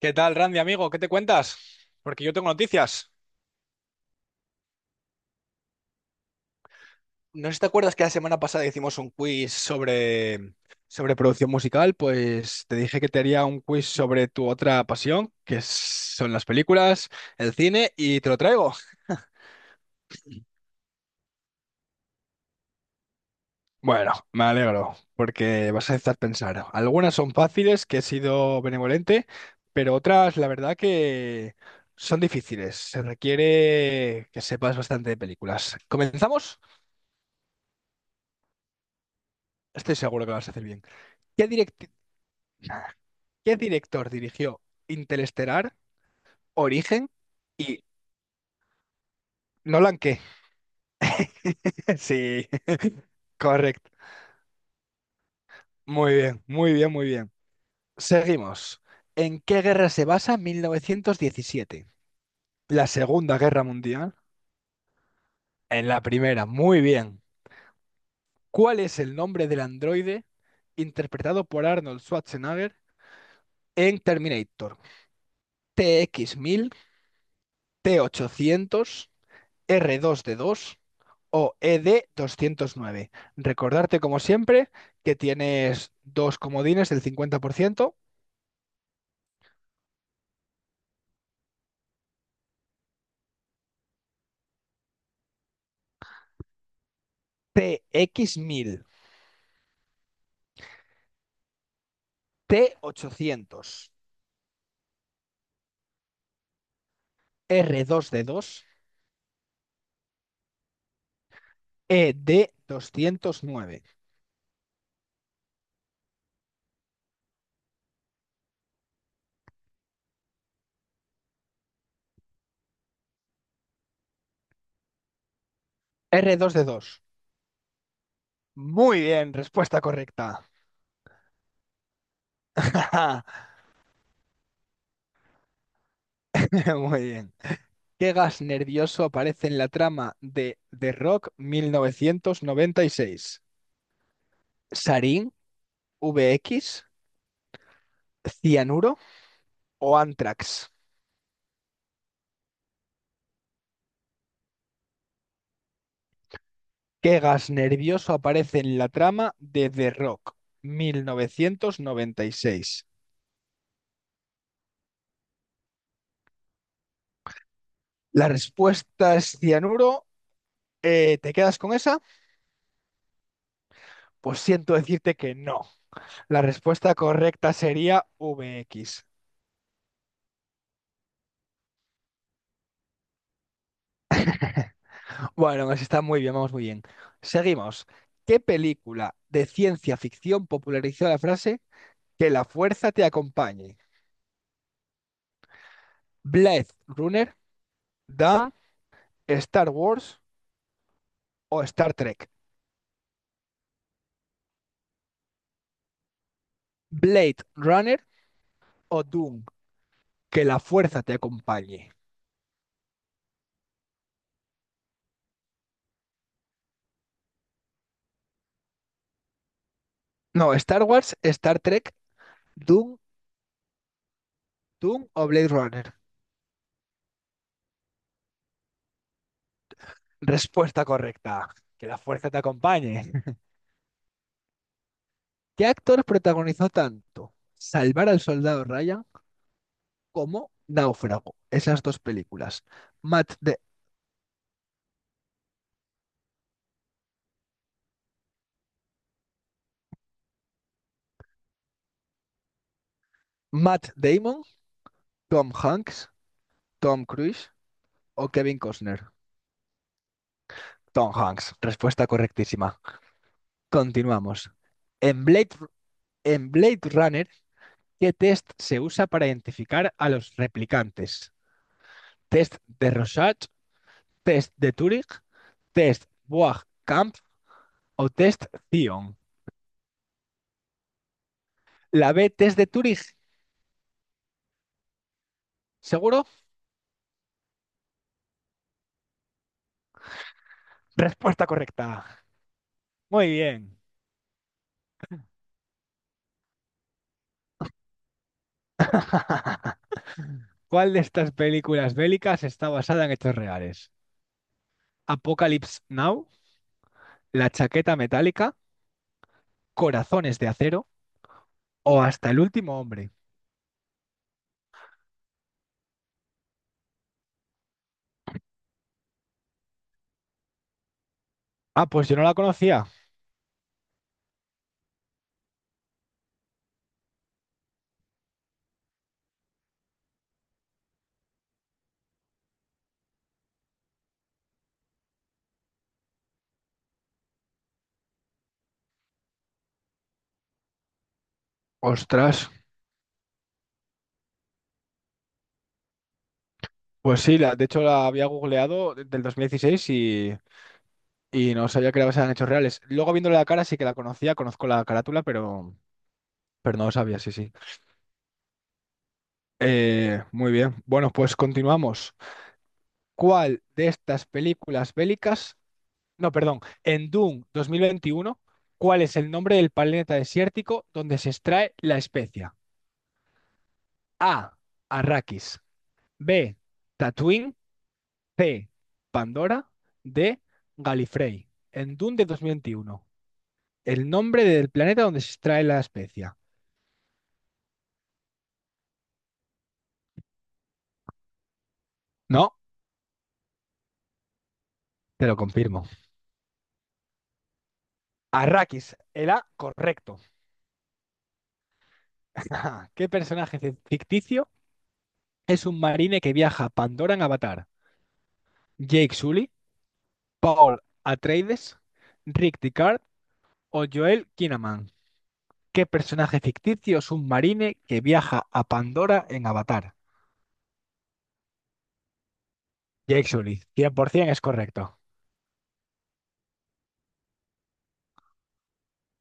¿Qué tal, Randy, amigo? ¿Qué te cuentas? Porque yo tengo noticias. No sé si te acuerdas que la semana pasada hicimos un quiz sobre producción musical, pues te dije que te haría un quiz sobre tu otra pasión, que son las películas, el cine, y te lo traigo. Bueno, me alegro, porque vas a estar pensando. Algunas son fáciles, que he sido benevolente, pero otras, la verdad que son difíciles. Se requiere que sepas bastante de películas. ¿Comenzamos? Estoy seguro que lo vas a hacer bien. ¿Qué director? ¿Qué director dirigió Interestelar, Origen y Nolan qué? Sí, correcto. Muy bien, muy bien, muy bien. Seguimos. ¿En qué guerra se basa 1917? La Segunda Guerra Mundial. En la primera, muy bien. ¿Cuál es el nombre del androide interpretado por Arnold Schwarzenegger en Terminator? T X mil, T ochocientos. R dos D dos o E D doscientos nueve. Recordarte, como siempre, que tienes dos comodines del 50%. T X mil T ochocientos R dos D E 2 doscientos nueve R dos D dos. Muy bien, respuesta correcta. Muy bien. ¿Qué gas nervioso aparece en la trama de The Rock 1996? ¿Sarín, V X, cianuro o Anthrax? ¿Qué gas nervioso aparece en la trama de The Rock 1996? La respuesta es cianuro. ¿Te quedas con esa? Pues siento decirte que no. La respuesta correcta sería VX. Bueno, aún así está muy bien, vamos muy bien. Seguimos. ¿Qué película de ciencia ficción popularizó la frase que la fuerza te acompañe? ¿Blade Runner, Dan, Star Wars o Star Trek? Blade Runner, o Doom, que la fuerza te acompañe. No, Star Wars, Star Trek, Doom, Doom o Blade Runner. Respuesta correcta. Que la fuerza te acompañe. ¿Qué actor protagonizó tanto Salvar al Soldado Ryan como Náufrago? Esas dos películas. Matt, Da- Matt Damon, Tom Hanks, Tom Cruise o Kevin Costner. Tom Hanks. Respuesta correctísima. Continuamos. En Blade, en Blade Runner, ¿qué test se usa para identificar a los replicantes? ¿Test de Rorschach, test de Turing, test Bois-Kampf o test Zion? La B, test de Turing. ¿Seguro? Respuesta correcta. Muy bien. ¿Cuál de estas películas bélicas está basada en hechos reales? ¿Apocalypse Now, La chaqueta metálica, Corazones de acero o Hasta el último hombre? Ah, pues yo no la conocía. Ostras. Pues sí, la, de hecho la había googleado del 2016 y no sabía que eran hechos reales. Luego viéndole la cara sí que la conocía, conozco la carátula, pero no lo sabía, sí, sí. Muy bien, bueno, pues continuamos. ¿Cuál de estas películas bélicas, no, perdón, en Doom 2021, cuál es el nombre del planeta desértico donde se extrae la especia? A, Arrakis, B, Tatooine, C, Pandora, D, Galifrey. En Dune de 2021, el nombre del planeta donde se extrae la especia. No, te lo confirmo. Arrakis, el A correcto. ¿Qué personaje ficticio es un marine que viaja a Pandora en Avatar? ¿Jake Sully, Paul Atreides, Rick Deckard o Joel Kinnaman? ¿Qué personaje ficticio es un marine que viaja a Pandora en Avatar? Jake Sully, 100% es correcto.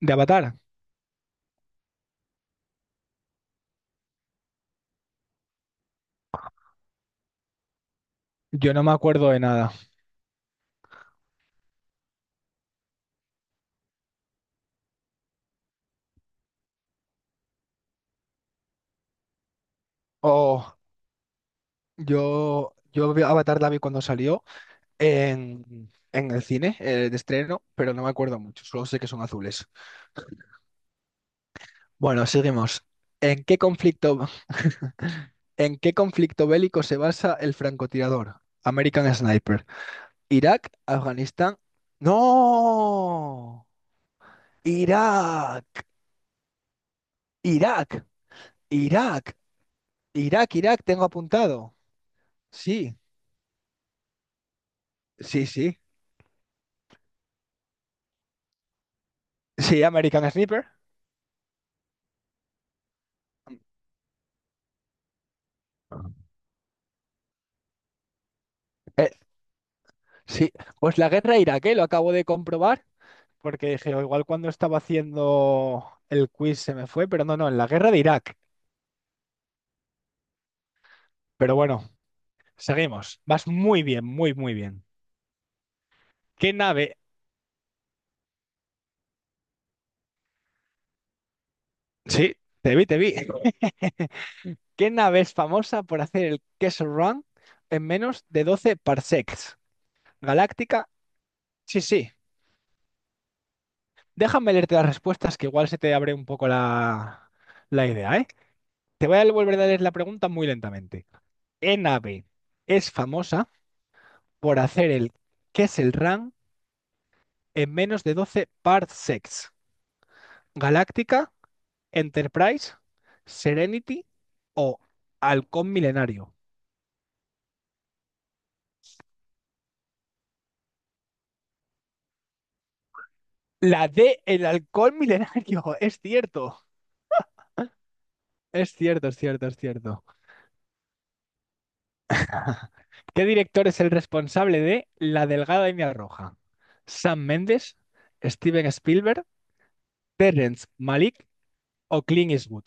¿De Avatar? Yo no me acuerdo de nada. Oh, Avatar la vi cuando salió en el cine de estreno, pero no me acuerdo mucho, solo sé que son azules. Bueno, seguimos. ¿En qué conflicto, ¿en qué conflicto bélico se basa el francotirador? American Sniper. ¿Irak, Afganistán? ¡No! Irak, Irak, Irak, Irak, Irak, tengo apuntado. Sí, sí, sí. Sí, American Sniper. Eh, sí, pues la guerra iraquí, lo acabo de comprobar. Porque dije, "O igual cuando estaba haciendo el quiz se me fue, pero no, no, en la guerra de Irak". Pero bueno, seguimos. Vas muy bien, muy, muy bien. ¿Qué nave? Sí, te vi, te vi. ¿Qué nave es famosa por hacer el Kessel Run en menos de 12 parsecs? ¿Galáctica? Sí, sí. Déjame leerte las respuestas que igual se te abre un poco la idea, ¿eh? Te voy a volver a leer la pregunta muy lentamente. ¿Qué nave es famosa por hacer el Kessel Run en menos de 12 parsecs? Galáctica, Enterprise, Serenity o Halcón Milenario. La D, el Halcón Milenario, es cierto. Es cierto, es cierto, es cierto. ¿Qué director es el responsable de La Delgada Línea Roja? ¿Sam Mendes, Steven Spielberg, Terrence Malick o Clint Eastwood?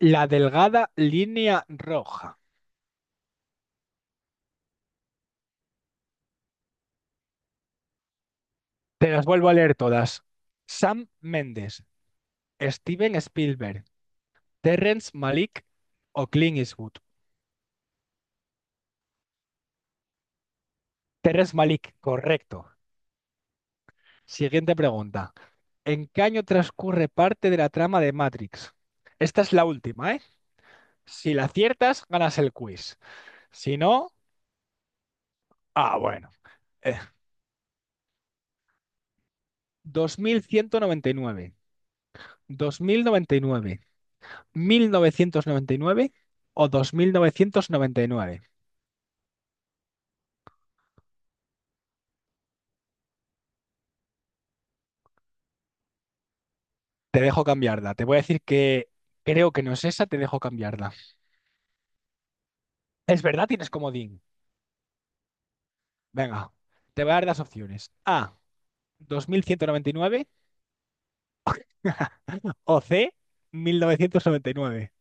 La Delgada Línea Roja. Te las vuelvo a leer todas. Sam Mendes, Steven Spielberg, Terrence Malick o Clint Eastwood. Terrence Malick, correcto. Siguiente pregunta. ¿En qué año transcurre parte de la trama de Matrix? Esta es la última, ¿eh? Si la aciertas, ganas el quiz. Si no, ah, bueno. Eh, 2199, 2099, 1999 o 2999. Te dejo cambiarla. Te voy a decir que creo que no es esa, te dejo cambiarla. Es verdad, tienes comodín. Venga, te voy a dar las opciones. A, 2199, o C, 1999.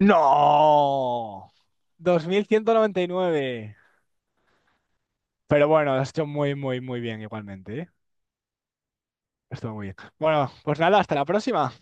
No, 2199. Pero bueno, lo has hecho muy, muy, muy bien igualmente, ¿eh? Estuvo muy bien. Bueno, pues nada, hasta la próxima.